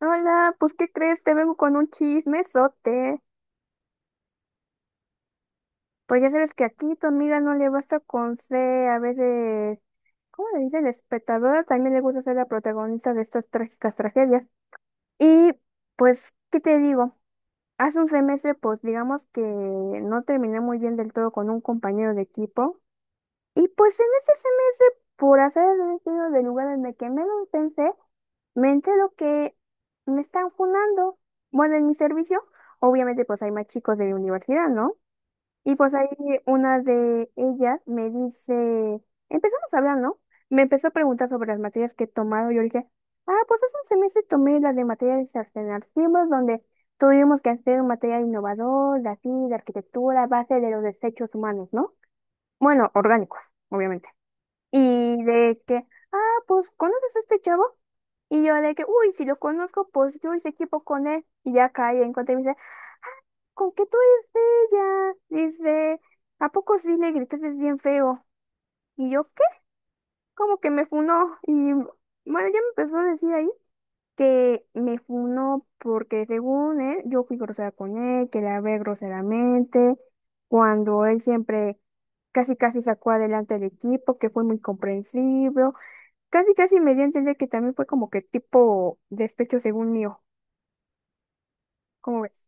Hola, pues ¿qué crees? Te vengo con un chismesote. Pues ya sabes que aquí tu amiga no le basta con ser a veces, ¿cómo le dicen? Espectadora, también le gusta ser la protagonista de estas trágicas tragedias. Y pues, ¿qué te digo? Hace un semestre, pues digamos que no terminé muy bien del todo con un compañero de equipo. Y pues en ese semestre, por hacer el destino del lugar en el que menos pensé, me entero que me están funando. Bueno, en mi servicio, obviamente pues hay más chicos de la universidad, ¿no? Y pues ahí una de ellas me dice, empezamos a hablar, ¿no? Me empezó a preguntar sobre las materias que he tomado. Yo le dije, ah, pues hace un semestre tomé la de materiales alternativos, donde tuvimos que hacer un material innovador, de así, de arquitectura, a base de los desechos humanos, ¿no? Bueno, orgánicos, obviamente. Y de que, ah, pues, ¿conoces a este chavo? Y yo de que, uy, si lo conozco, pues yo hice equipo con él. Y ya cae en cuenta y me dice, ¿con qué tú eres de ella? Dice, ¿a poco sí le gritaste bien feo? Y yo, ¿qué? Como que me funó. Y bueno, ya me empezó a decir ahí que me funó porque según él, yo fui grosera con él, que la hablé groseramente, cuando él siempre casi casi sacó adelante el equipo, que fue muy comprensible. Casi, casi me dio a entender que también fue como que tipo despecho según mío. ¿Cómo ves?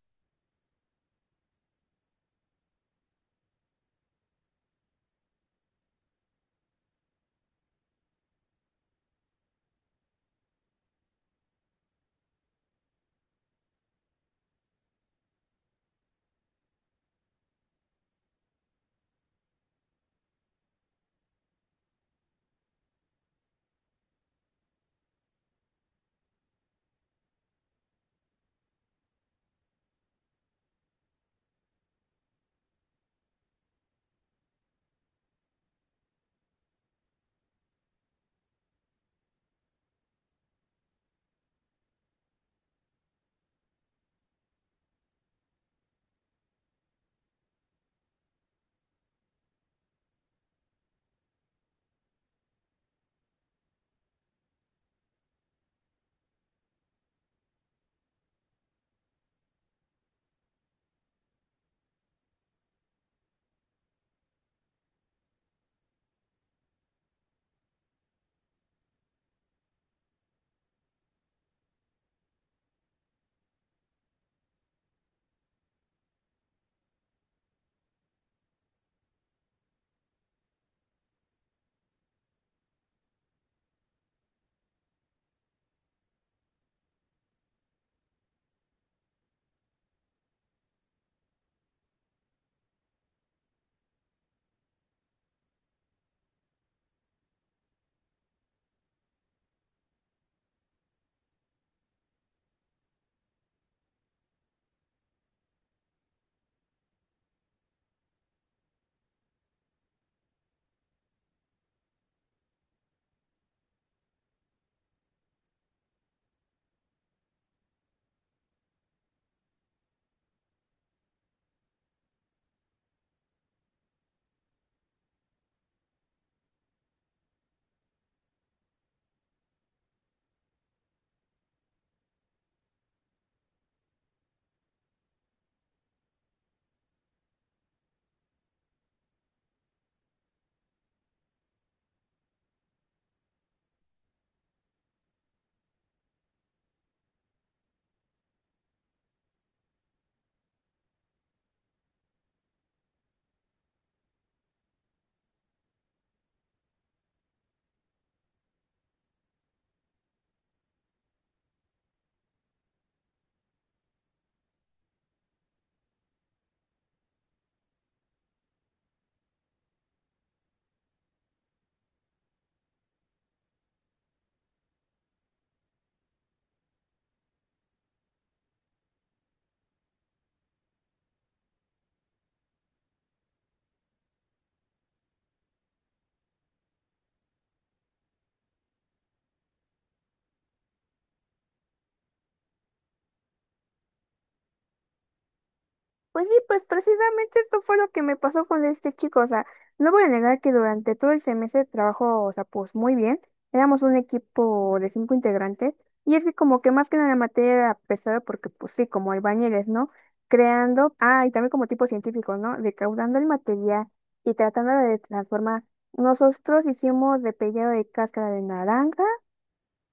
Pues sí, pues precisamente esto fue lo que me pasó con este chico. O sea, no voy a negar que durante todo el semestre de trabajo, o sea, pues muy bien. Éramos un equipo de cinco integrantes. Y es que como que más que nada la materia era pesada porque, pues sí, como albañiles, ¿no? Creando, ah, y también como tipo científicos, ¿no? Decaudando el material y tratándolo de transformar. Nosotros hicimos de pellejo de cáscara de naranja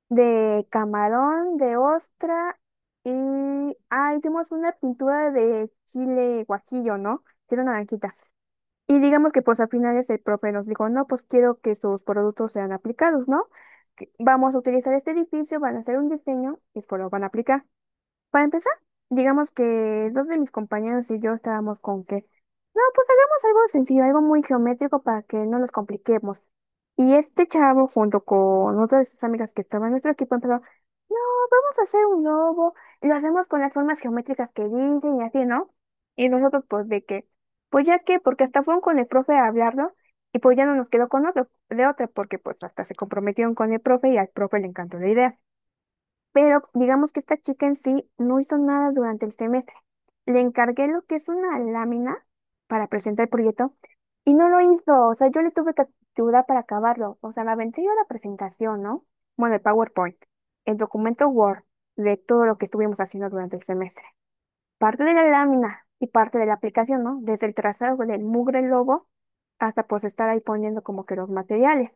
de camarón, de ostra y... ah, hicimos una pintura de chile guajillo, ¿no? Que Era naranjita. Y digamos que pues al final ese profe nos dijo, no, pues quiero que sus productos sean aplicados, ¿no? Que Vamos a utilizar este edificio, van a hacer un diseño y pues lo van a aplicar. Para empezar, digamos que dos de mis compañeros y yo estábamos con que, no, pues hagamos algo sencillo, algo muy geométrico para que no nos compliquemos. Y este chavo, junto con otras de sus amigas que estaban en nuestro equipo, empezó, no, vamos a hacer un globo, y lo hacemos con las formas geométricas que dicen y así, ¿no? Y nosotros, pues, de que, pues ya que, porque hasta fueron con el profe a hablarlo, y pues ya no nos quedó con otro, de otra, porque pues hasta se comprometieron con el profe y al profe le encantó la idea. Pero digamos que esta chica en sí no hizo nada durante el semestre. Le encargué lo que es una lámina para presentar el proyecto y no lo hizo. O sea, yo le tuve que ayudar para acabarlo. O sea, la aventé yo la presentación, ¿no? Bueno, el PowerPoint, el documento Word de todo lo que estuvimos haciendo durante el semestre. Parte de la lámina y parte de la aplicación, ¿no? Desde el trazado del mugre logo hasta pues estar ahí poniendo como que los materiales.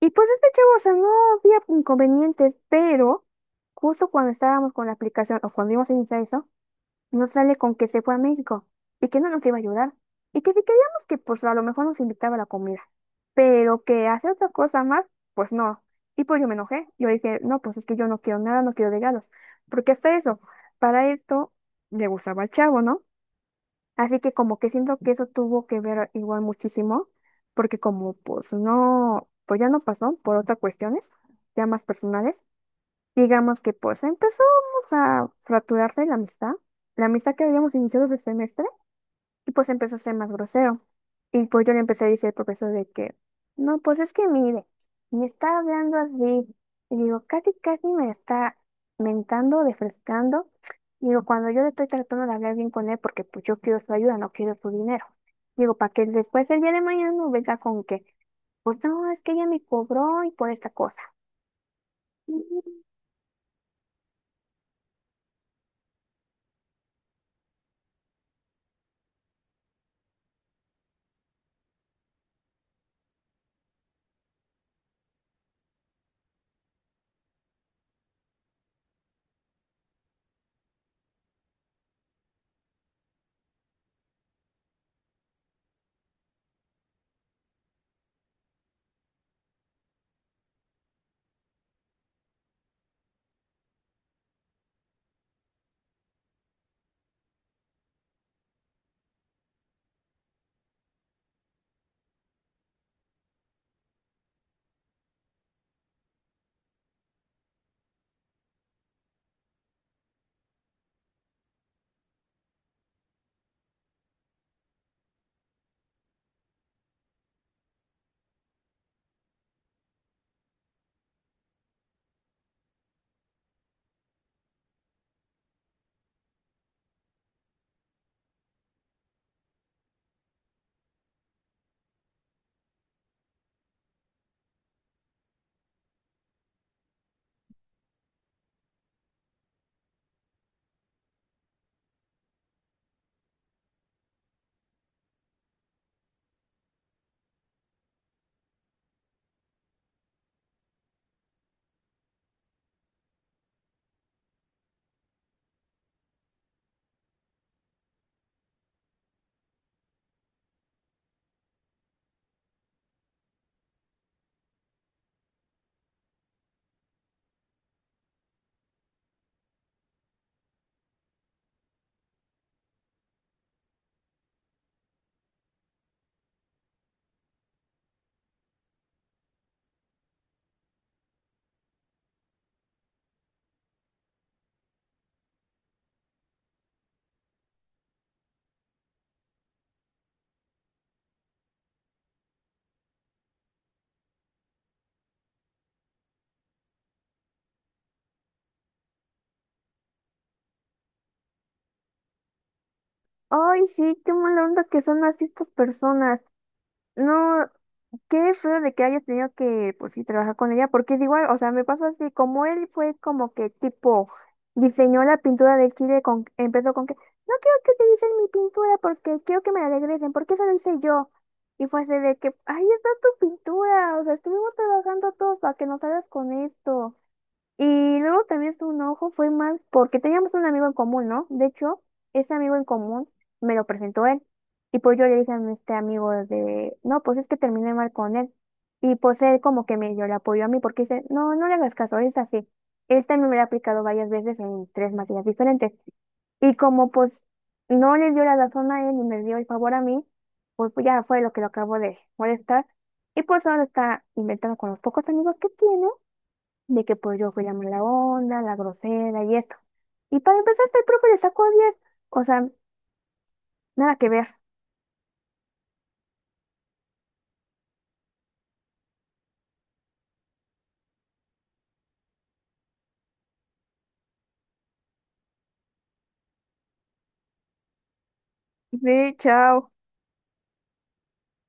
Y pues este chavo, o sea, no había inconvenientes, pero justo cuando estábamos con la aplicación o cuando íbamos a iniciar eso, nos sale con que se fue a México y que no nos iba a ayudar. Y que si queríamos que pues a lo mejor nos invitaba a la comida, pero que hacer otra cosa más, pues no. Y pues yo me enojé, yo dije, no, pues es que yo no quiero nada, no quiero regalos, porque hasta eso, para esto le gustaba al chavo, ¿no? Así que como que siento que eso tuvo que ver igual muchísimo, porque como pues no, pues ya no pasó por otras cuestiones, ya más personales, digamos que pues empezamos a fracturarse la amistad que habíamos iniciado ese semestre, y pues empezó a ser más grosero. Y pues yo le empecé a decir al profesor de que, no, pues es que mire, me está hablando así. Y digo, casi, casi me está mentando, refrescando. Digo, cuando yo le estoy tratando de hablar bien con él, porque pues yo quiero su ayuda, no quiero su dinero. Digo, para que después el día de mañana no venga con que, pues no, es que ella me cobró y por esta cosa. Ay, sí, qué mala onda que son así estas personas. No, qué feo de que hayas tenido que, pues sí, trabajar con ella, porque es igual, o sea, me pasa así, como él fue como que tipo, diseñó la pintura del Chile, con, empezó con que, no quiero que utilicen mi pintura porque quiero que me la regresen, porque eso lo hice yo. Y fue así de que, ahí está tu pintura, o sea, estuvimos trabajando todos para que nos hagas con esto. Y luego también su enojo fue más porque teníamos un amigo en común, ¿no? De hecho, ese amigo en común me lo presentó él. Y pues yo le dije a este amigo de, no, pues es que terminé mal con él. Y pues él como que medio le apoyó a mí porque dice, no, no le hagas caso, es así. Él también me lo ha aplicado varias veces en tres materias diferentes. Y como pues no le dio la razón a él ni me dio el favor a mí, pues ya fue lo que lo acabo de molestar. Y pues ahora está inventando con los pocos amigos que tiene de que pues yo fui la mala onda, la grosera y esto. Y para empezar, hasta el profe le sacó 10. O sea, nada que ver. Ve, chao.